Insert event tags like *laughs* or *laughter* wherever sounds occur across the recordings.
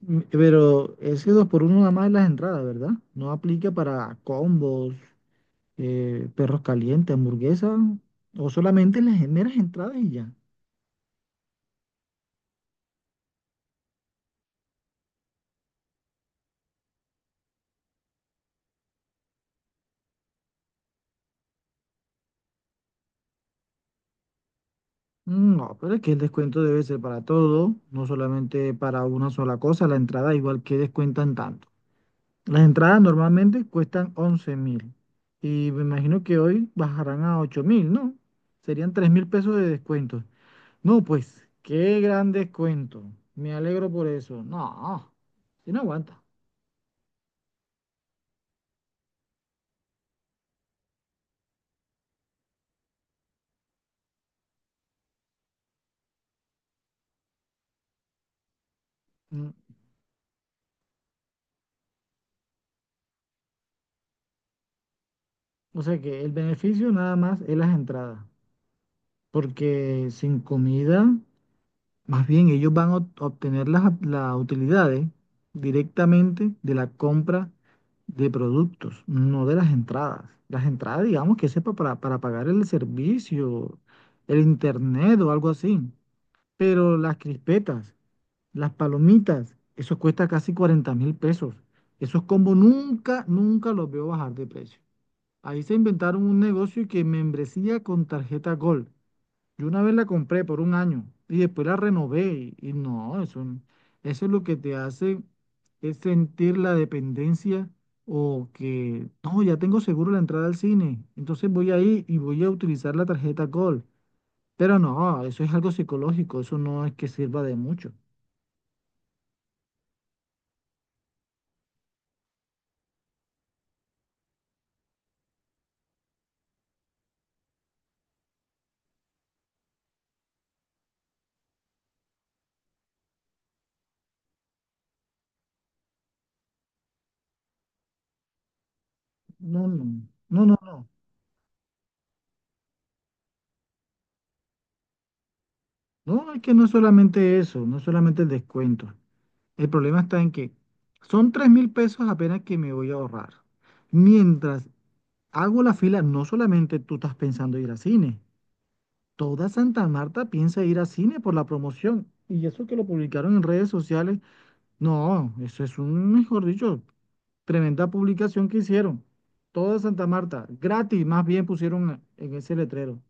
Pero ese dos por uno nada más en las entradas, ¿verdad? No aplica para combos, perros calientes, hamburguesas, o solamente las meras entradas y ya. No, pero es que el descuento debe ser para todo, no solamente para una sola cosa. La entrada igual que descuentan tanto. Las entradas normalmente cuestan 11.000 y me imagino que hoy bajarán a 8.000, ¿no? Serían 3.000 pesos de descuento. No, pues, qué gran descuento. Me alegro por eso. No, si no aguanta. Mm, O sea que el beneficio nada más es las entradas, porque sin comida, más bien ellos van a obtener las utilidades directamente de la compra de productos, no de las entradas. Las entradas, digamos que sepa para pagar el servicio, el internet o algo así. Pero las crispetas. Las palomitas, eso cuesta casi 40.000 pesos. Esos combos nunca, nunca los veo bajar de precio. Ahí se inventaron un negocio que membresía con tarjeta Gold. Yo una vez la compré por un año y después la renové y no, eso, eso es lo que te hace es sentir la dependencia o que, no, ya tengo seguro la entrada al cine, entonces voy ahí y voy a utilizar la tarjeta Gold. Pero no, eso es algo psicológico, eso no es que sirva de mucho. No, no, no, no, no. No, es que no es solamente eso, no es solamente el descuento. El problema está en que son 3.000 pesos apenas que me voy a ahorrar. Mientras hago la fila, no solamente tú estás pensando ir a cine, toda Santa Marta piensa ir a cine por la promoción. Y eso que lo publicaron en redes sociales, no, eso es un, mejor dicho, tremenda publicación que hicieron. Toda Santa Marta, gratis, más bien pusieron en ese letrero.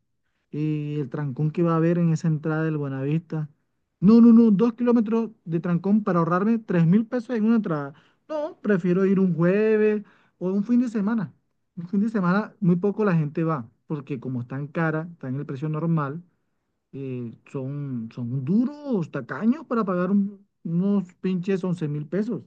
Y el trancón que va a haber en esa entrada del Buenavista. No, no, no, 2 kilómetros de trancón para ahorrarme 3.000 pesos en una entrada. No, prefiero ir un jueves o un fin de semana. Un fin de semana muy poco la gente va, porque como están caras, están en el precio normal, son duros, tacaños para pagar unos pinches 11.000 pesos.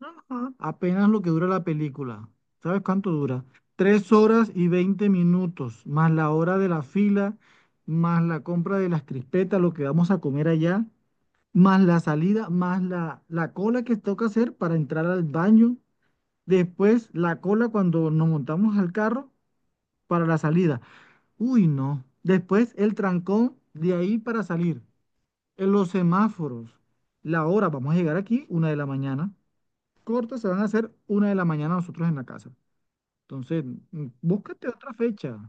Ajá, apenas lo que dura la película. ¿Sabes cuánto dura? 3 horas y 20 minutos, más la hora de la fila, más la compra de las crispetas, lo que vamos a comer allá, más la salida, más la cola que toca hacer para entrar al baño. Después la cola cuando nos montamos al carro para la salida. Uy, no. Después el trancón de ahí para salir. En los semáforos. La hora, vamos a llegar aquí, 1 de la mañana cortas se van a hacer 1 de la mañana nosotros en la casa. Entonces, búscate otra fecha.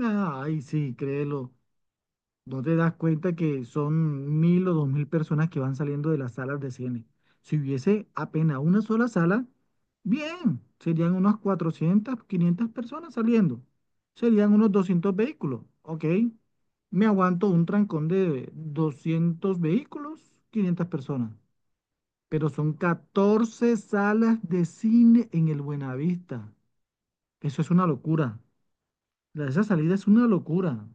Ay, sí, créelo. No te das cuenta que son 1.000 o 2.000 personas que van saliendo de las salas de cine. Si hubiese apenas una sola sala, bien, serían unas 400, 500 personas saliendo. Serían unos 200 vehículos, ¿ok? Me aguanto un trancón de 200 vehículos, 500 personas. Pero son 14 salas de cine en el Buenavista. Eso es una locura. Esa salida es una locura.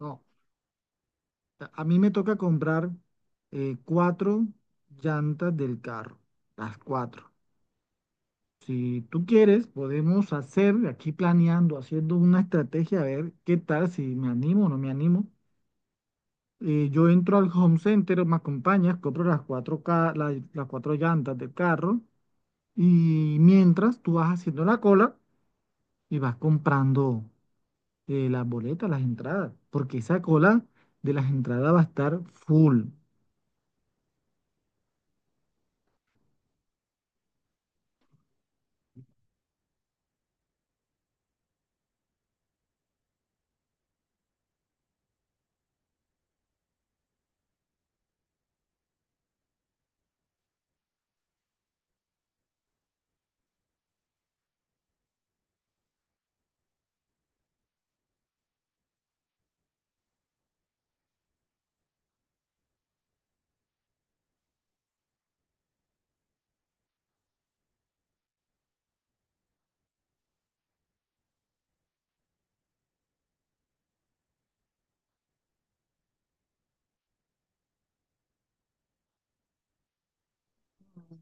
No, a mí me toca comprar cuatro llantas del carro, las cuatro. Si tú quieres, podemos hacer aquí planeando, haciendo una estrategia, a ver qué tal, si me animo o no me animo. Yo entro al Home Center, me acompañas, compro las cuatro, las cuatro llantas del carro y mientras tú vas haciendo la cola y vas comprando las boletas, las entradas, porque esa cola de las entradas va a estar full.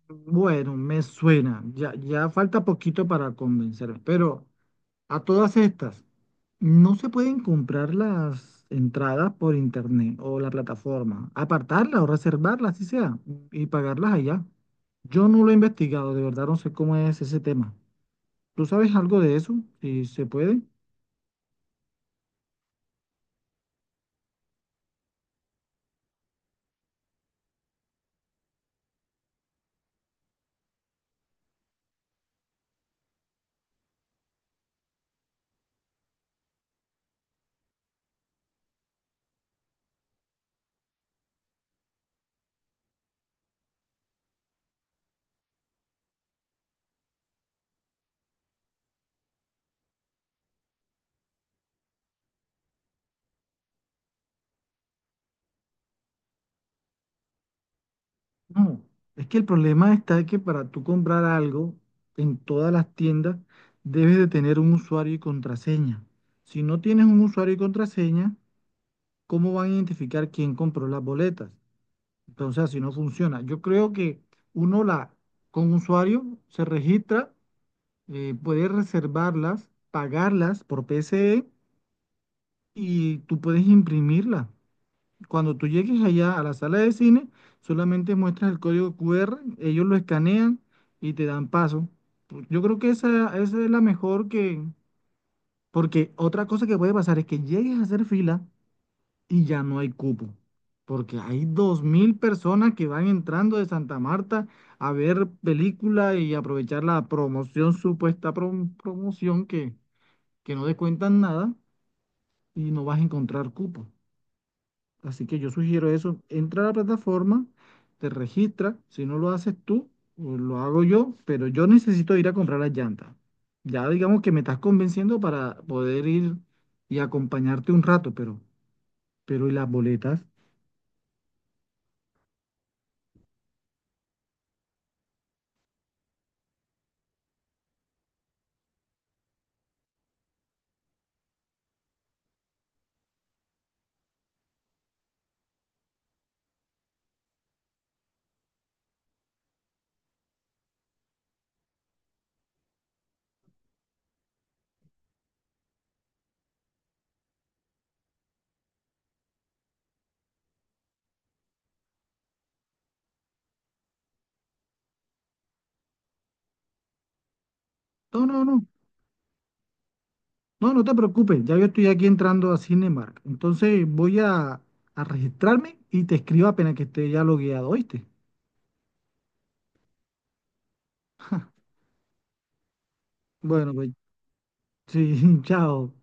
Bueno, me suena, ya, ya falta poquito para convencerme, pero a todas estas, no se pueden comprar las entradas por internet o la plataforma, apartarlas o reservarlas, así sea, y pagarlas allá. Yo no lo he investigado, de verdad no sé cómo es ese tema. ¿Tú sabes algo de eso? Si se puede. No, es que el problema está que para tú comprar algo en todas las tiendas debes de tener un usuario y contraseña. Si no tienes un usuario y contraseña, ¿cómo van a identificar quién compró las boletas? Entonces así no funciona. Yo creo que uno la con usuario se registra, puede reservarlas, pagarlas por PSE y tú puedes imprimirlas. Cuando tú llegues allá a la sala de cine, solamente muestras el código QR, ellos lo escanean y te dan paso. Yo creo que esa es la mejor que... Porque otra cosa que puede pasar es que llegues a hacer fila y ya no hay cupo. Porque hay 2.000 personas que van entrando de Santa Marta a ver película y aprovechar la promoción, supuesta promoción que no descuentan nada y no vas a encontrar cupo. Así que yo sugiero eso. Entra a la plataforma, te registra. Si no lo haces tú, o lo hago yo, pero yo necesito ir a comprar las llantas. Ya digamos que me estás convenciendo para poder ir y acompañarte un rato, pero ¿y las boletas? No, no, no. No, no te preocupes. Ya yo estoy aquí entrando a Cinemark. Entonces voy a registrarme y te escribo apenas que esté ya logueado, ¿oíste? Bueno, pues sí, *laughs* chao.